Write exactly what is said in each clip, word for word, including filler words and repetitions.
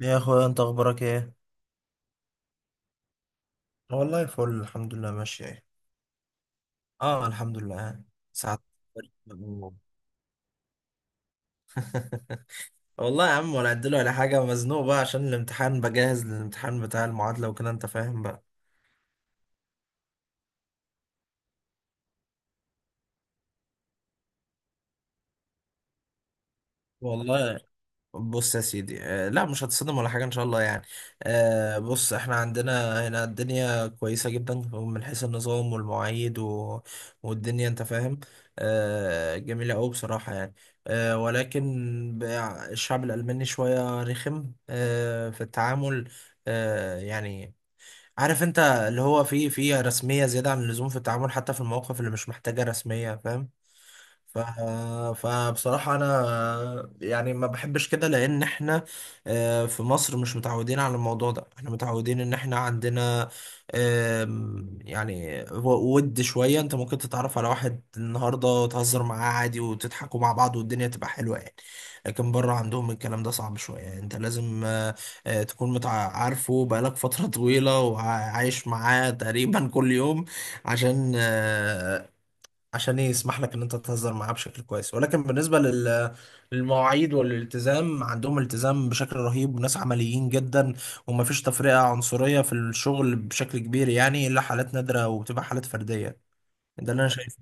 يا اخويا، انت اخبارك ايه؟ والله فل، الحمد لله ماشي. اه، الحمد لله. ساعات. والله يا عم، ولا اديله ولا حاجه، مزنوق بقى عشان الامتحان، بجهز للامتحان بتاع المعادله وكده، انت فاهم بقى. والله، بص يا سيدي. آه، لا، مش هتصدم ولا حاجة إن شاء الله يعني. آه، بص، إحنا عندنا هنا الدنيا كويسة جدا من حيث النظام والمواعيد و... والدنيا أنت فاهم. آه، جميلة أوي بصراحة يعني. آه، ولكن بع- الشعب الألماني شوية رخم آه، في التعامل. آه، يعني عارف أنت، اللي هو فيه فيه رسمية زيادة عن اللزوم في التعامل، حتى في المواقف اللي مش محتاجة رسمية، فاهم. ف... فبصراحة أنا يعني ما بحبش كده، لأن إحنا آه، في مصر مش متعودين على الموضوع ده، إحنا متعودين إن إحنا عندنا آم، يعني و- ود شوية. أنت ممكن تتعرف على واحد النهاردة وتهزر معاه عادي وتضحكوا مع بعض والدنيا تبقى حلوة يعني. لكن بره عندهم الكلام ده صعب شوية يعني، أنت لازم آه، آه، تكون متع... عارفه بقالك فترة طويلة وعايش معاه تقريبا كل يوم، عشان آه، عشان ايه يسمح لك ان انت تهزر معاه بشكل كويس. ولكن بالنسبه لل- للمواعيد والالتزام، عندهم التزام بشكل رهيب، ناس عمليين جدا. ومفيش تفرقه عنصريه في الشغل بشكل كبير يعني، الا حالات نادره وبتبقى حالات فرديه. ده اللي انا شايفه.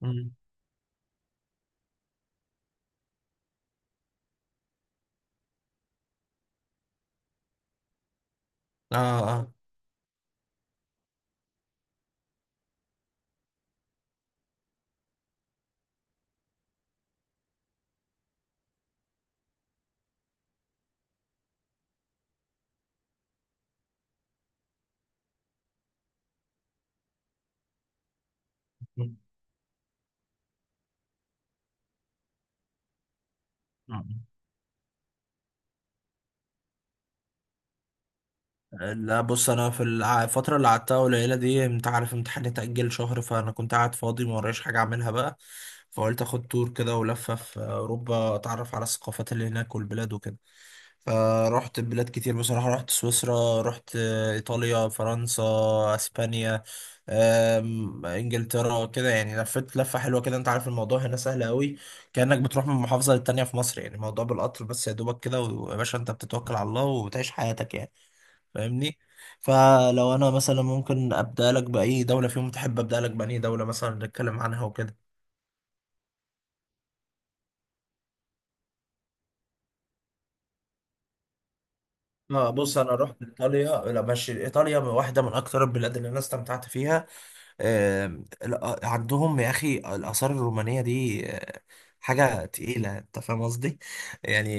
مم. اه اه. مم. مم. لا بص، انا في الع- الفتره اللي قعدتها قليله دي، انت عارف امتحاني اتاجل شهر، فانا كنت قاعد فاضي ما ورايش حاجه اعملها بقى. فقلت اخد تور كده ولفه في اوروبا، اتعرف على الثقافات اللي هناك والبلاد وكده. فرحت بلاد كتير بصراحة، رحت سويسرا، رحت إيطاليا، فرنسا، أسبانيا، أم، إنجلترا كده، يعني لفيت لفة حلوة كده. أنت عارف الموضوع هنا سهل قوي، كأنك بتروح من محافظة للتانية في مصر يعني، الموضوع بالقطر بس يا دوبك كده، ويا باشا أنت بتتوكل على الله وبتعيش حياتك يعني. فاهمني؟ فلو أنا مثلا ممكن أبدأ لك بأي دولة فيهم، تحب أبدأ لك بأي دولة مثلا نتكلم عنها وكده؟ اه بص، انا رحت ايطاليا. لا ماشي، ايطاليا واحده من اكتر البلاد اللي انا استمتعت فيها. آه، الأ- عندهم يا أخي الآثار الرومانية دي، آه، حاجة تقيلة، أنت فاهم قصدي؟ يعني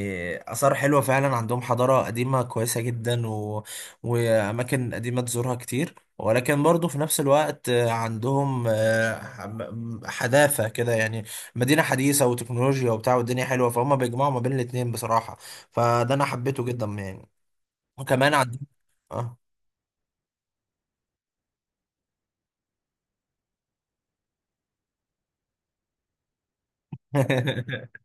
آثار حلوة فعلا، عندهم حضارة قديمة كويسة جدا و... وأماكن قديمة تزورها كتير. ولكن برضه في نفس الوقت آه، عندهم آه، ح- حداثة كده يعني، مدينة حديثة وتكنولوجيا وبتاع والدنيا حلوة، فهم بيجمعوا ما بين الاتنين بصراحة. فده أنا حبيته جدا يعني. وكمان عندهم. آه.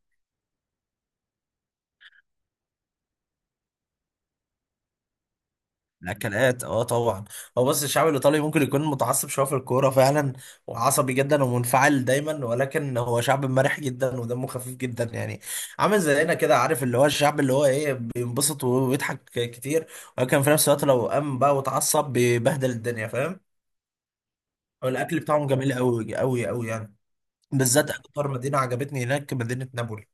الاكلات، اه طبعا. هو بص، الشعب الايطالي ممكن يكون متعصب شويه في الكوره فعلا، وعصبي جدا ومنفعل دايما. ولكن هو شعب مرح جدا ودمه خفيف جدا يعني، عامل زينا كده. عارف اللي هو الشعب اللي هو ايه، بينبسط ويضحك كتير. ولكن في نفس الوقت لو قام بقى وتعصب بيبهدل الدنيا، فاهم. والاكل بتاعهم جميل، قوي قوي قوي يعني. بالذات اكتر مدينه عجبتني هناك مدينه نابولي.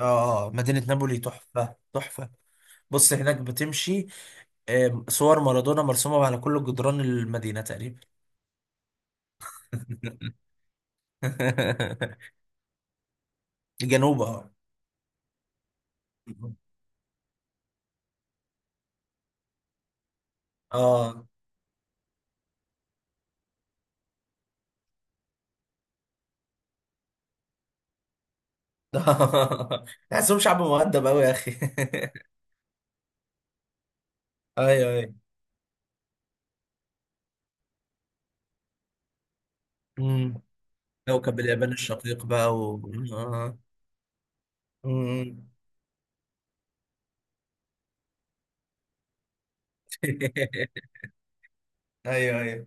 اه. آه، مدينه نابولي تحفه تحفه. بص هناك بتمشي، آه، صور مارادونا مرسومة على كل جدران المدينة تقريبا. جنوب، اه. اه. تحسهم شعب مؤدب أوي يا أخي. أيوه أيوه. أمم. كوكب اليابان الشقيق بقى و آه. أمم. أيوه أيوه.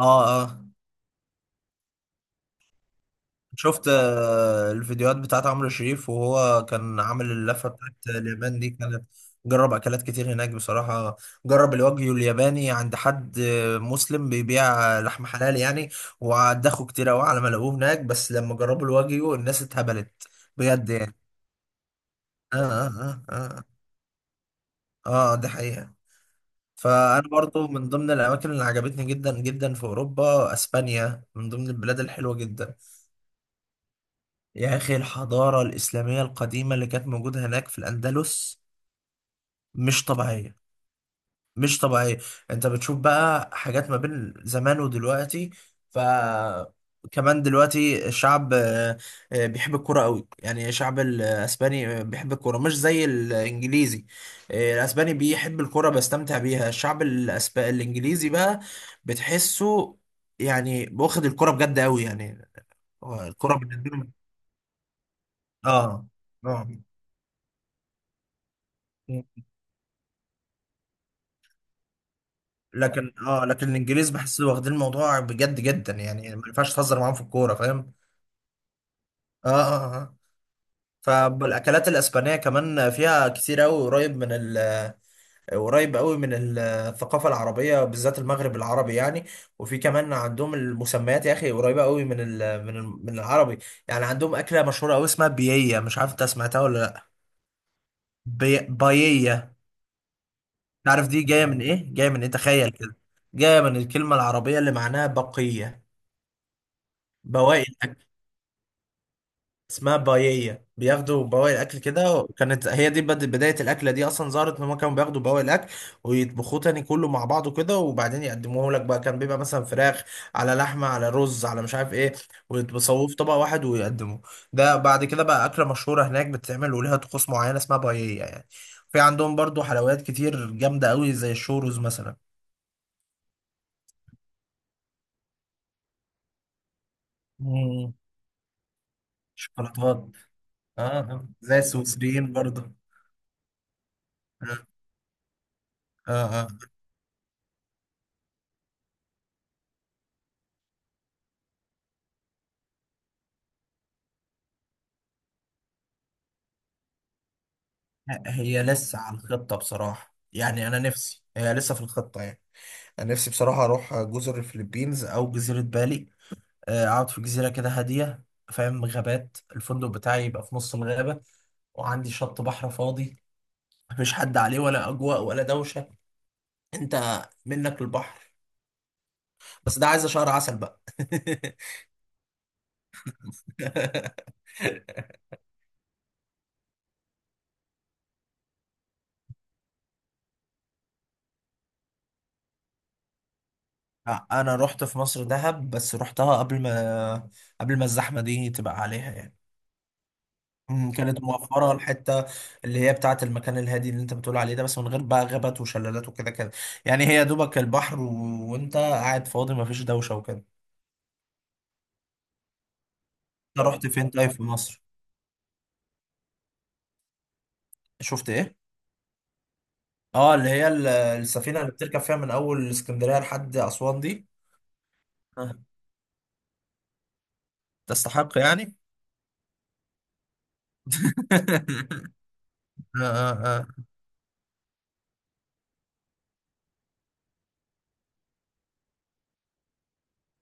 اه اه. شفت آه، الفيديوهات بتاعت عمرو شريف وهو كان عامل اللفة بتاعت اليابان دي؟ كانت جرب أكلات كتير هناك بصراحة. جرب الوagyu الياباني عند حد آه، مسلم بيبيع لحم حلال يعني. وعدخوا كتير أوي على ما لقوه هناك، بس لما جربوا الواجيو الناس اتهبلت، بجد يعني. آه آه آه آه. آه آه، دي حقيقة. فأنا برضو من ضمن الأماكن اللي عجبتني جدا جدا في أوروبا أسبانيا، من ضمن البلاد الحلوة جدا. يا أخي الحضارة الإسلامية القديمة اللي كانت موجودة هناك في الأندلس مش طبيعية، مش طبيعية. أنت بتشوف بقى حاجات ما بين زمان ودلوقتي. ف كمان دلوقتي الشعب آه، آه، بيحب الكرة قوي، يعني الشعب الأسباني بيحب الكرة مش زي الإنجليزي. آه، الأسباني بيحب الكرة بيستمتع بيها. الشعب الأسب... الإنجليزي بقى بتحسه، يعني واخد الكرة بجد قوي يعني. هو الكرة بالنسبة له. اه. آه. لكن اه، لكن الانجليز بحس واخدين الموضوع بجد جدا يعني، ما ينفعش تهزر معاهم في الكوره، فاهم. اه اه اه. فالاكلات الاسبانيه كمان فيها كتير قوي، قريب من ال... قريب قوي من الثقافه العربيه، بالذات المغرب العربي يعني. وفي كمان عندهم المسميات يا اخي قريبه قوي من ال... من ال... من العربي يعني. عندهم اكله مشهوره قوي اسمها بييه، مش عارف انت سمعتها ولا لا. بي... باييه. تعرف دي جايه من ايه؟ جايه من ايه، تخيل كده. جايه من الكلمه العربيه اللي معناها بقيه، بواقي. اسمها بايية، بياخدوا بواقي الاكل كده، وكانت هي دي بد- بداية الاكلة دي. اصلا ظهرت ان هم كانوا بياخدوا بواقي الاكل ويطبخوه تاني كله مع بعضه كده، وبعدين يقدموه لك بقى. كان بيبقى مثلا فراخ على لحمة على رز على مش عارف ايه، ويتبصوه في طبق واحد ويقدموه. ده بعد كده بقى اكلة مشهورة هناك بتتعمل وليها طقوس معينة، اسمها بايية يعني. في عندهم برضو حلويات كتير جامدة قوي، زي الشوروز مثلا. مم. شوكولاتات. اه. آه. زي السويسريين برضو. اه اه. آه. هي لسه على الخطة بصراحة يعني، أنا نفسي هي لسه في الخطة يعني. أنا نفسي بصراحة أروح جزر الفلبينز أو جزيرة بالي. آه، أقعد في جزيرة كده هادية. فاهم، غابات، الفندق بتاعي يبقى في نص الغابة، وعندي شط بحر فاضي مفيش حد عليه ولا أجواء ولا دوشة. أنت منك البحر. بس ده عايزة شهر عسل بقى. أنا رحت في مصر دهب، بس رحتها قبل ما قبل ما الزحمة دي تبقى عليها يعني. مم، كانت موفرة الحتة اللي هي بتاعة المكان الهادي اللي انت بتقول عليه ده، بس من غير بقى غابات وشلالات وكده كده يعني. هي دوبك البحر و... وانت قاعد فاضي مفيش دوشة وكده. انت رحت فين طيب في مصر؟ شفت ايه؟ اه، اللي هي ال- السفينة اللي بتركب فيها من اول اسكندرية لحد اسوان دي. آه، تستحق يعني؟ اه اه اه.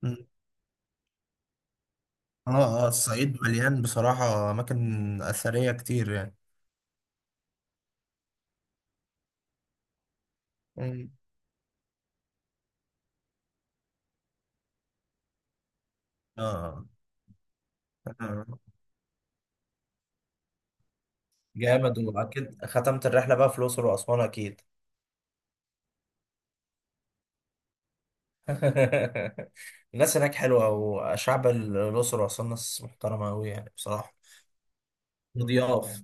مم. اه اه، الصعيد مليان بصراحة أماكن أثرية كتير يعني. مم. اه. آه. جامد، واكيد ختمت الرحله بقى في الاقصر واسوان اكيد. الناس هناك حلوه، وشعب الاقصر واسوان ناس محترمه قوي يعني بصراحه، ضياف.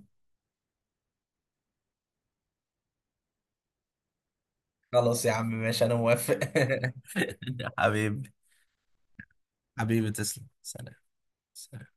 خلاص يا عم ماشي، انا موافق. حبيبي. حبيبي تسلم. سلام.